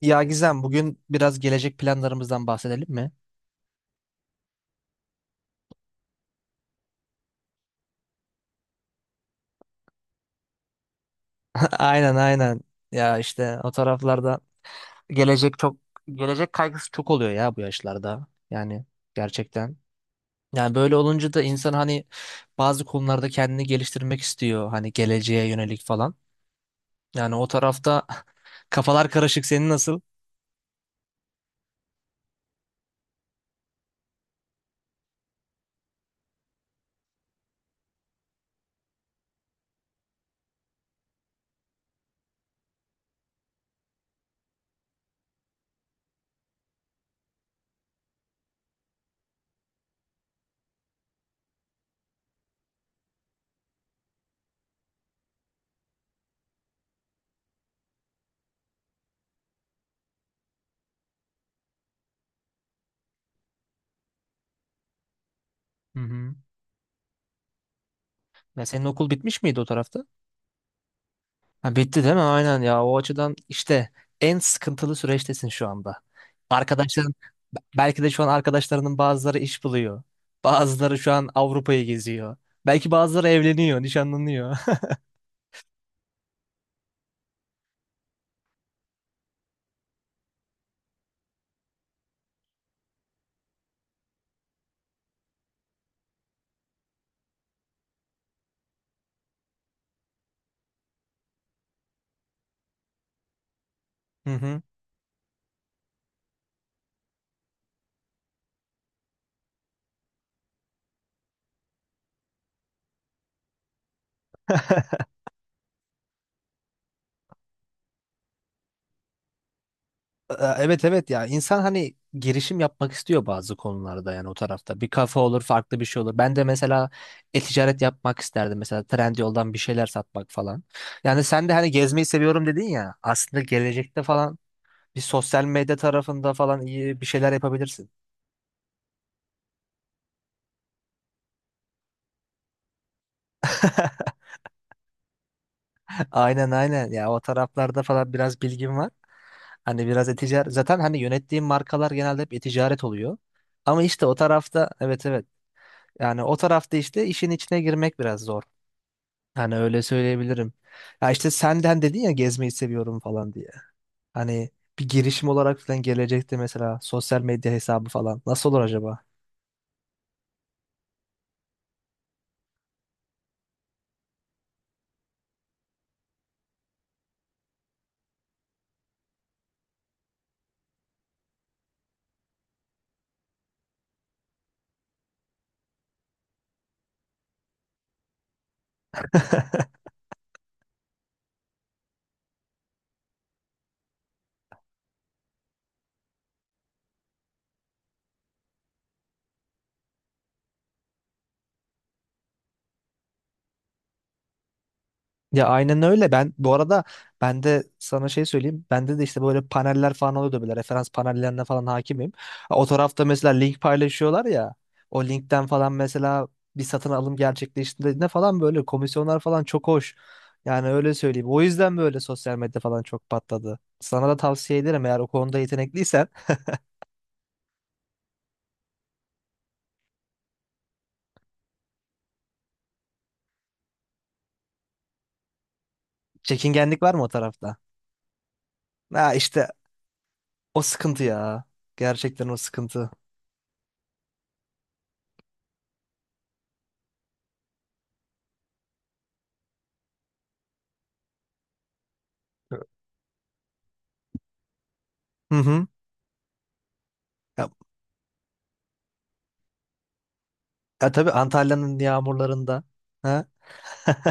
Ya Gizem bugün biraz gelecek planlarımızdan bahsedelim mi? Aynen, aynen. Ya işte o taraflarda gelecek çok gelecek kaygısı çok oluyor ya bu yaşlarda. Yani gerçekten. Yani böyle olunca da insan hani bazı konularda kendini geliştirmek istiyor, hani geleceğe yönelik falan. Yani o tarafta kafalar karışık. Senin nasıl? Hı hı. Ya senin okul bitmiş miydi o tarafta? Ha, bitti değil mi? Aynen ya. O açıdan işte en sıkıntılı süreçtesin şu anda. Arkadaşların belki de şu an arkadaşlarının bazıları iş buluyor. Bazıları şu an Avrupa'yı geziyor. Belki bazıları evleniyor, nişanlanıyor. Hı hı. Evet, evet ya, insan hani girişim yapmak istiyor bazı konularda, yani o tarafta. Bir kafe olur, farklı bir şey olur. Ben de mesela e-ticaret yapmak isterdim. Mesela Trendyol'dan bir şeyler satmak falan. Yani sen de hani gezmeyi seviyorum dedin ya. Aslında gelecekte falan bir sosyal medya tarafında falan iyi bir şeyler yapabilirsin. Aynen aynen ya, o taraflarda falan biraz bilgim var. Hani biraz e-ticaret, zaten hani yönettiğim markalar genelde hep e-ticaret oluyor. Ama işte o tarafta, evet, evet. Yani o tarafta işte işin içine girmek biraz zor. Hani öyle söyleyebilirim. Ya işte senden dedin ya gezmeyi seviyorum falan diye. Hani bir girişim olarak falan gelecekti mesela, sosyal medya hesabı falan. Nasıl olur acaba? Ya aynen öyle. Ben bu arada ben de sana şey söyleyeyim. Bende de işte böyle paneller falan oluyordu böyle. Referans panellerine falan hakimim. O tarafta mesela link paylaşıyorlar ya. O linkten falan mesela bir satın alım gerçekleştiğinde falan böyle komisyonlar falan çok hoş. Yani öyle söyleyeyim. O yüzden böyle sosyal medya falan çok patladı. Sana da tavsiye ederim, eğer o konuda yetenekliysen. Çekingenlik var mı o tarafta? Ha, işte o sıkıntı ya. Gerçekten o sıkıntı. Hı hı. Ya, ya tabii, Antalya'nın yağmurlarında. Ha.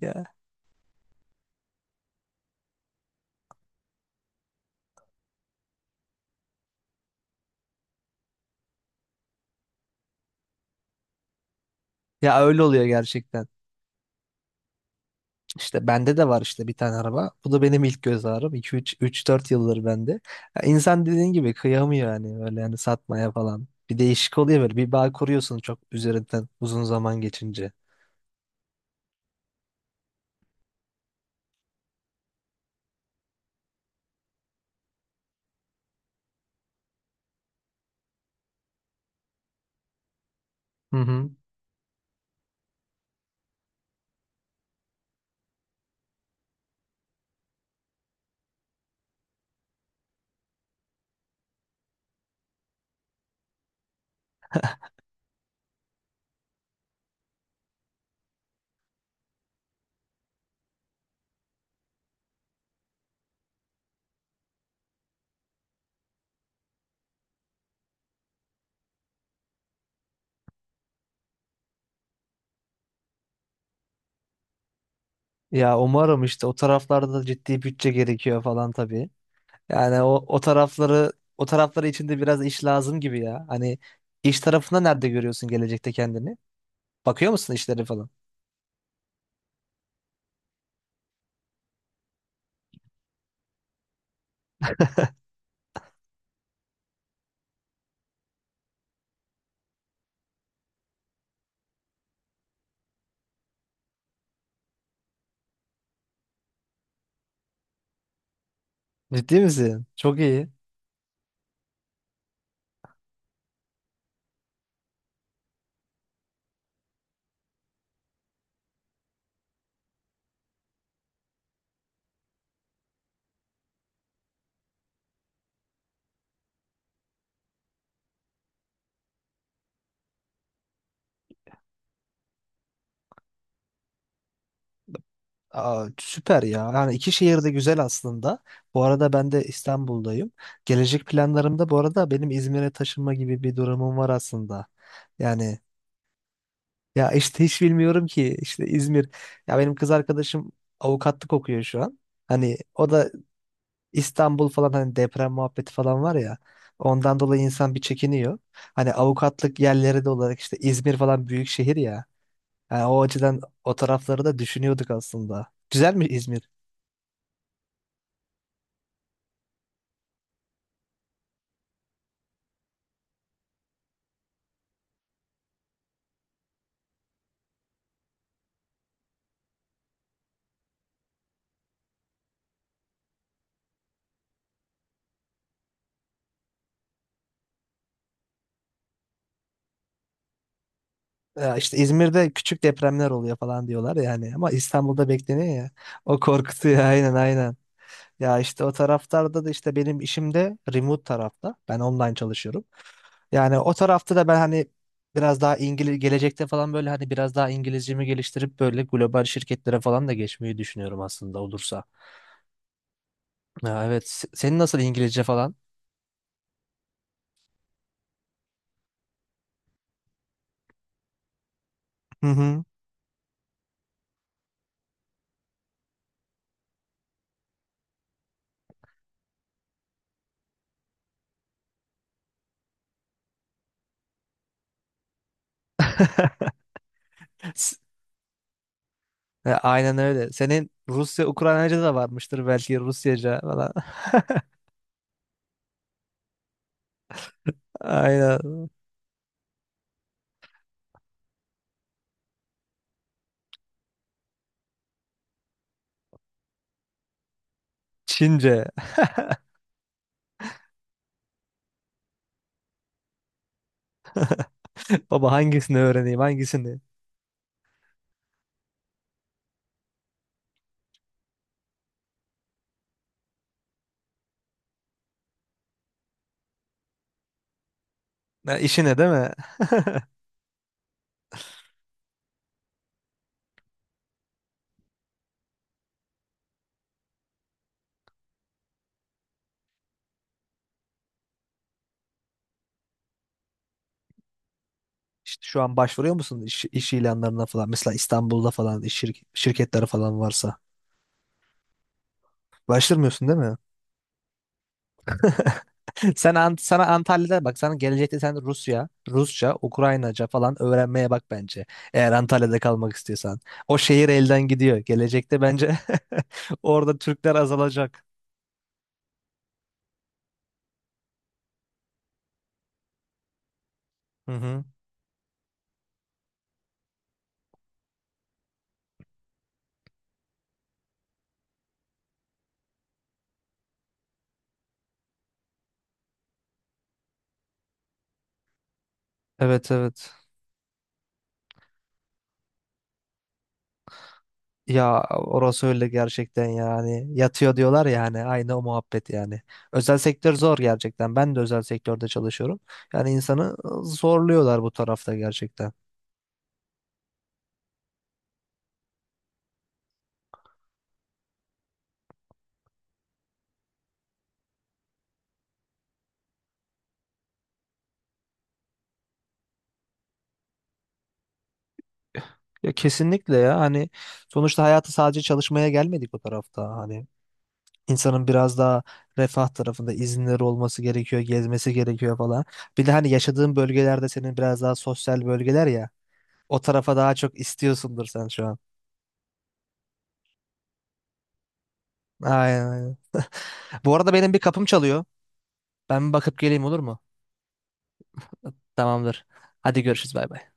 Ya, ya öyle oluyor gerçekten. İşte bende de var işte bir tane araba. Bu da benim ilk göz ağrım. 2 üç, üç, dört yıldır bende. Ya, İnsan dediğin gibi kıyamıyor yani, öyle yani, satmaya falan. Bir değişik oluyor böyle. Bir bağ kuruyorsun, çok üzerinden uzun zaman geçince. Hı hı. Ya umarım, işte o taraflarda da ciddi bütçe gerekiyor falan tabii. Yani o tarafları, içinde biraz iş lazım gibi ya. Hani iş tarafında nerede görüyorsun gelecekte kendini? Bakıyor musun işlere falan? Ciddi misin? Çok iyi. Aa, süper ya. Yani iki şehir de güzel aslında. Bu arada ben de İstanbul'dayım. Gelecek planlarımda bu arada benim İzmir'e taşınma gibi bir durumum var aslında. Yani, ya işte hiç bilmiyorum ki işte İzmir. Ya benim kız arkadaşım avukatlık okuyor şu an. Hani o da İstanbul falan, hani deprem muhabbeti falan var ya. Ondan dolayı insan bir çekiniyor. Hani avukatlık yerleri de olarak işte İzmir falan büyük şehir ya. Yani o açıdan o tarafları da düşünüyorduk aslında. Güzel mi İzmir? Ya işte İzmir'de küçük depremler oluyor falan diyorlar yani, ama İstanbul'da bekleniyor ya. O korkutuyor. Aynen, aynen. Ya işte o taraflarda da işte benim işim de remote tarafta. Ben online çalışıyorum. Yani o tarafta da ben hani biraz daha İngiliz gelecekte falan, böyle hani biraz daha İngilizcemi geliştirip böyle global şirketlere falan da geçmeyi düşünüyorum aslında, olursa. Ya evet, senin nasıl İngilizce falan? Hı hı. S- Ya, aynen öyle. Senin Rusya, Ukraynaca da varmıştır belki, Rusyaca falan. Aynen. Çince. Baba, hangisini öğreneyim, hangisini? Ha, işine değil mi? İşte şu an başvuruyor musun iş, iş ilanlarına falan? Mesela İstanbul'da falan iş şirketleri falan varsa. Başvurmuyorsun değil mi? Sen sana Antalya'da bak, sana gelecekte sen Rusya, Rusça, Ukraynaca falan öğrenmeye bak bence. Eğer Antalya'da kalmak istiyorsan. O şehir elden gidiyor. Gelecekte bence orada Türkler azalacak. Hı hı. Evet, evet. Ya orası öyle gerçekten yani. Yatıyor diyorlar ya, hani aynı o muhabbet yani. Özel sektör zor gerçekten. Ben de özel sektörde çalışıyorum. Yani insanı zorluyorlar bu tarafta gerçekten. Ya kesinlikle ya, hani sonuçta hayatı sadece çalışmaya gelmedik bu tarafta. Hani insanın biraz daha refah tarafında izinleri olması gerekiyor, gezmesi gerekiyor falan. Bir de hani yaşadığın bölgelerde senin biraz daha sosyal bölgeler ya. O tarafa daha çok istiyorsundur sen şu an. Aynen, aynen. Bu arada benim bir kapım çalıyor. Ben bir bakıp geleyim, olur mu? Tamamdır. Hadi görüşürüz, bay bay.